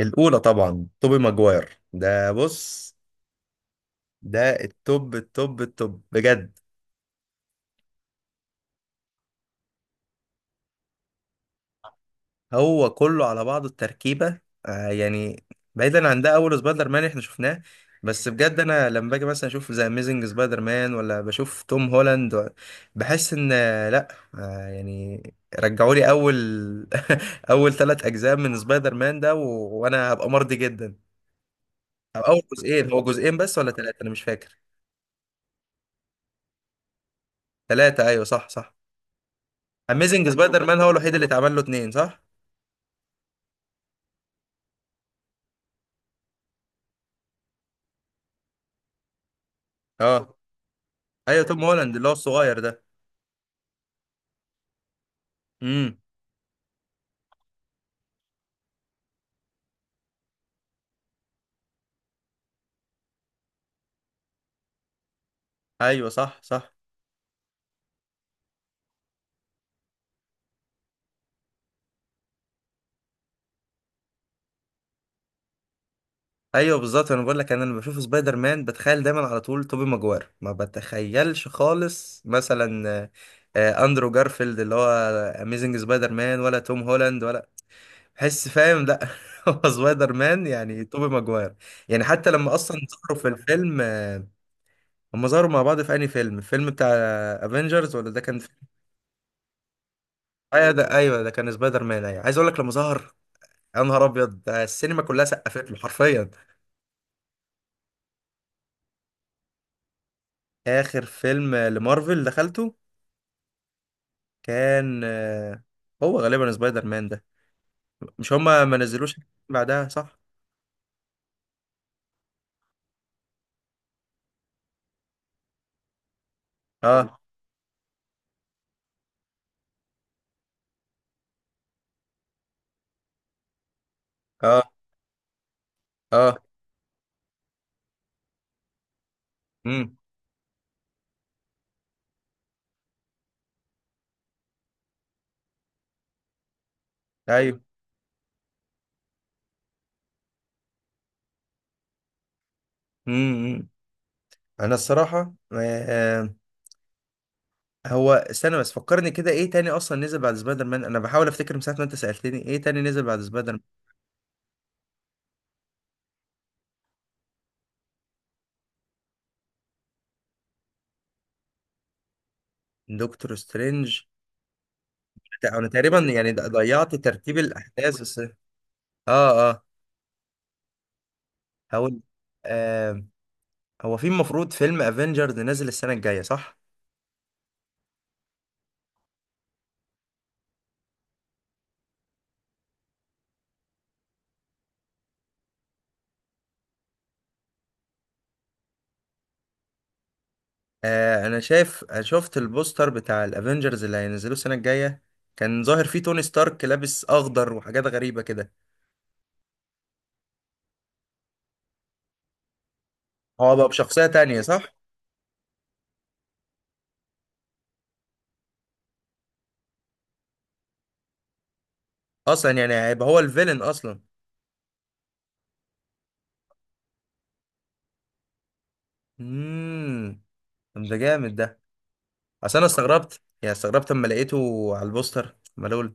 الأولى طبعا توبي ماجواير، ده بص. ده التوب التوب التوب بجد. هو كله على بعضه التركيبة، يعني. بعيدا عن ده، أول سبايدر مان احنا شفناه. بس بجد أنا لما باجي مثلا أشوف ذا أميزنج سبايدر مان ولا بشوف توم هولاند بحس إن لأ. يعني. رجعوا لي أول. أول 3 أجزاء من سبايدر مان ده وأنا هبقى مرضي جدا. أو أول جزئين، هو جزئين بس ولا ثلاثة، أنا مش فاكر. ثلاثة، أيوه، صح صح. اميزنج سبايدر مان هو الوحيد اللي اتعمل له اتنين، صح. اه، ايوه توم هولاند اللي هو الصغير ده. امم. ايوه، صح صح. ايوه بالظبط، انا بقول لك، انا لما بشوف سبايدر مان بتخيل دايما على طول توبي ماجوير، ما بتخيلش خالص مثلا، اندرو جارفيلد اللي هو اميزنج سبايدر مان، ولا توم هولاند، ولا بحس، فاهم، لا. هو سبايدر مان يعني توبي ماجوير. يعني حتى لما اصلا ظهروا في الفيلم، هم ظهروا مع بعض في انهي فيلم؟ الفيلم بتاع افنجرز ولا ده كان. ايوه ده، ايوه ده كان سبايدر مان، ايوه عايز اقول لك لما ظهر، يا نهار ابيض، ده السينما كلها سقفت له حرفيا. اخر فيلم لمارفل دخلته كان، هو غالبا سبايدر مان ده. مش هما ما نزلوش بعدها، صح؟ اه، اه، اه. امم. ايوه. امم. انا الصراحه، هو، استنى بس فكرني كده، ايه تاني اصلا نزل بعد سبايدر مان؟ انا بحاول افتكر من ساعه ما انت سالتني ايه تاني نزل بعد سبايدر مان. دكتور سترينج. انا تقريبا يعني ضيعت ترتيب الاحداث، بس اه، اه، هقول. آه هو في المفروض فيلم افنجرز نازل السنه الجايه، صح؟ انا شفت البوستر بتاع الافنجرز اللي هينزلوه السنه الجايه، كان ظاهر فيه توني ستارك لابس اخضر وحاجات غريبه كده. هو بقى بشخصيه تانية، صح؟ اصلا يعني هيبقى هو الفيلن اصلا. امم. طب ده جامد ده. اصل انا استغربت، يعني استغربت اما لقيته على البوستر ملول،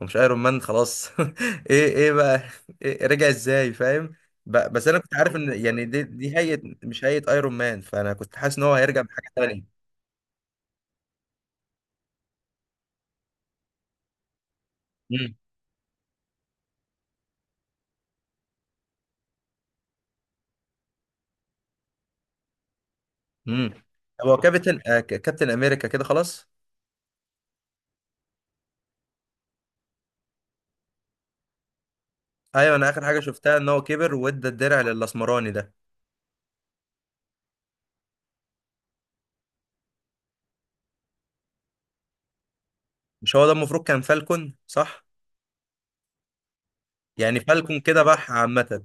ومش ايرون مان خلاص. ايه بقى. إيه، رجع ازاي، فاهم؟ بس انا كنت عارف ان، يعني دي هيئه مش هيئه ايرون مان، فانا كنت حاسس ان هو هيرجع بحاجه تانية. امم. امم. هو كابتن كابتن امريكا كده خلاص. ايوه انا اخر حاجه شفتها ان هو كبر وادى الدرع للاسمراني ده. مش هو ده المفروض كان فالكون، صح؟ يعني فالكون كده بح عامه.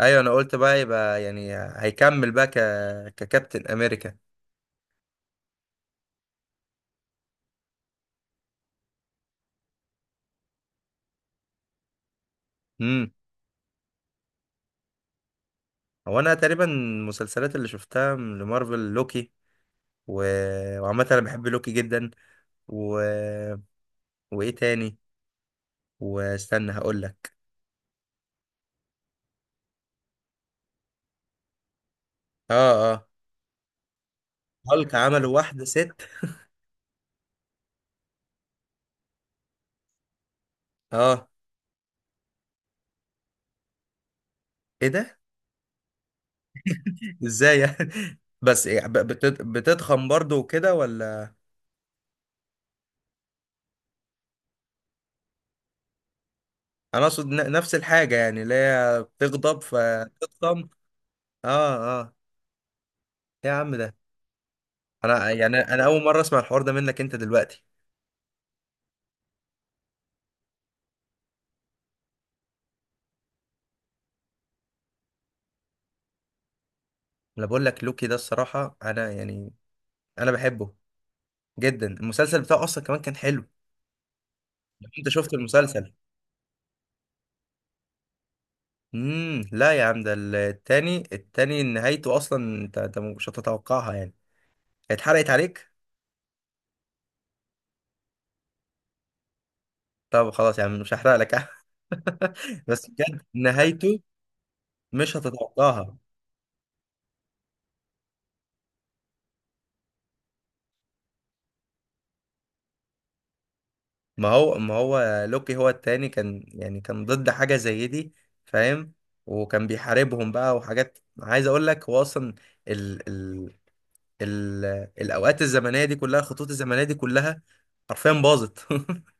ايوه انا قلت بقى، يبقى يعني هيكمل بقى ككابتن امريكا. هو انا تقريبا المسلسلات اللي شفتها لمارفل، لوكي و... وعامة انا بحب لوكي جدا، و... وايه تاني، واستنى هقول لك. اه، اه، هالك عملوا واحدة ست. اه، ايه ده؟ ازاي يعني؟ بس إيه، بتضخم برضو وكده ولا؟ انا اقصد نفس الحاجة، يعني اللي هي بتغضب فتضخم. اه، اه. إيه يا عم ده. انا اول مرة اسمع الحوار ده منك انت دلوقتي. انا بقول لك لوكي ده، الصراحة انا يعني انا بحبه جدا، المسلسل بتاعه اصلا كمان كان حلو. لو انت شفت المسلسل. امم، لا يا عم ده التاني نهايته اصلا، انت مش هتتوقعها يعني. اتحرقت عليك. طب خلاص يا عم، مش هحرق لك. بس بجد نهايته مش هتتوقعها. ما هو لوكي هو التاني كان ضد حاجة زي دي، فاهم. وكان بيحاربهم بقى وحاجات، عايز اقول لك هو اصلا ال ال ال الاوقات الزمنية دي كلها، الخطوط الزمنية دي كلها حرفيا باظت.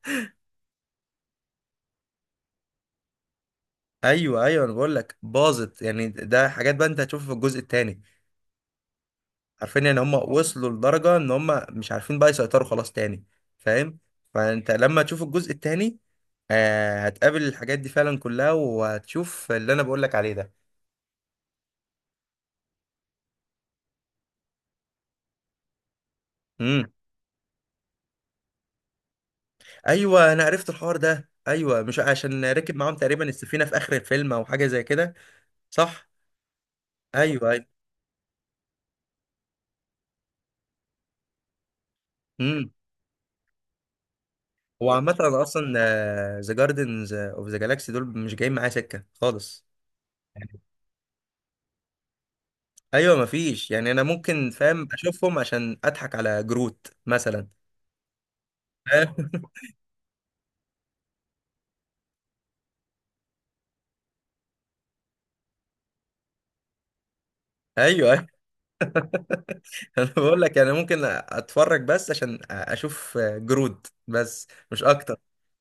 ايوه، ايوه، انا بقول لك باظت، يعني ده حاجات بقى انت هتشوفها في الجزء الثاني. عارفين ان هم وصلوا لدرجه ان هم مش عارفين بقى يسيطروا خلاص تاني، فاهم؟ فانت لما تشوف الجزء الثاني، هتقابل الحاجات دي فعلا كلها، وهتشوف اللي انا بقول لك عليه ده. امم. ايوه انا عرفت الحوار ده، ايوه، مش عشان ركب معاهم تقريبا السفينه في اخر الفيلم او حاجه زي كده، صح. ايوه، ايوه. امم. هو عامه انا اصلا ذا جاردنز اوف ذا جالاكسي دول مش جايين معايا سكه خالص. ايوه مفيش، يعني انا ممكن، فاهم، اشوفهم عشان اضحك على جروت مثلا. فاهم؟ ايوه. انا بقول لك يعني ممكن اتفرج بس عشان اشوف جروت، بس مش اكتر.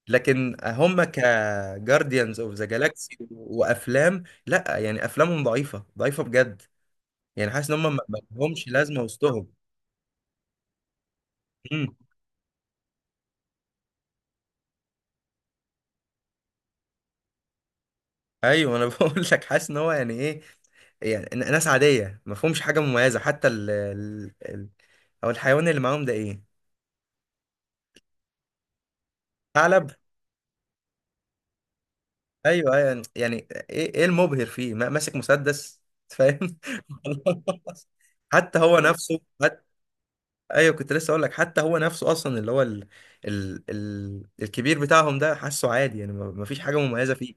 لكن هم كجارديانز اوف ذا جالاكسي وافلام، لا يعني افلامهم ضعيفه ضعيفه بجد. يعني حاسس ان هم ما لهمش لازمه وسطهم. مم. ايوه انا بقول لك حاسس ان هو يعني ايه، يعني ناس عاديه ما فيهمش حاجه مميزه، حتى او الحيوان اللي معاهم ده، ايه؟ ثعلب؟ ايوه، ايوه، يعني ايه المبهر فيه، ماسك مسدس، فاهم؟ خلاص. حتى هو نفسه، حتى ايوه كنت لسه اقول لك، حتى هو نفسه اصلا اللي هو ال... ال... ال... الكبير بتاعهم ده، حاسه عادي، يعني ما فيش حاجه مميزه فيه.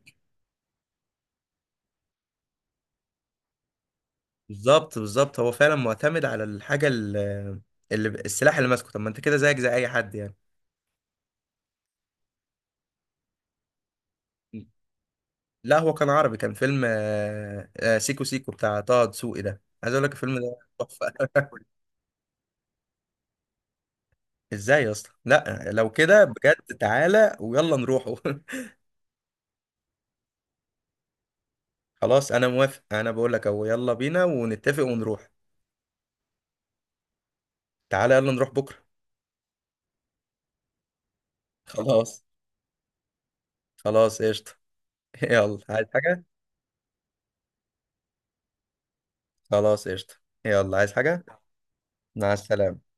بالظبط، بالظبط، هو فعلا معتمد على الحاجه اللي السلاح اللي ماسكه، طب ما انت كده زيك زي اي حد يعني. لا، هو كان عربي، كان فيلم سيكو سيكو بتاع طه دسوقي ده، عايز اقول لك الفيلم ده تحفه. ازاي يا اسطى؟ لا لو كده بجد تعالى ويلا نروحه. خلاص انا موافق، انا بقول لك اهو، يلا بينا ونتفق ونروح. تعالى يلا نروح بكره. خلاص. خلاص قشطه. يلا، عايز حاجه؟ خلاص قشطه. يلا، عايز حاجه؟ مع السلامه.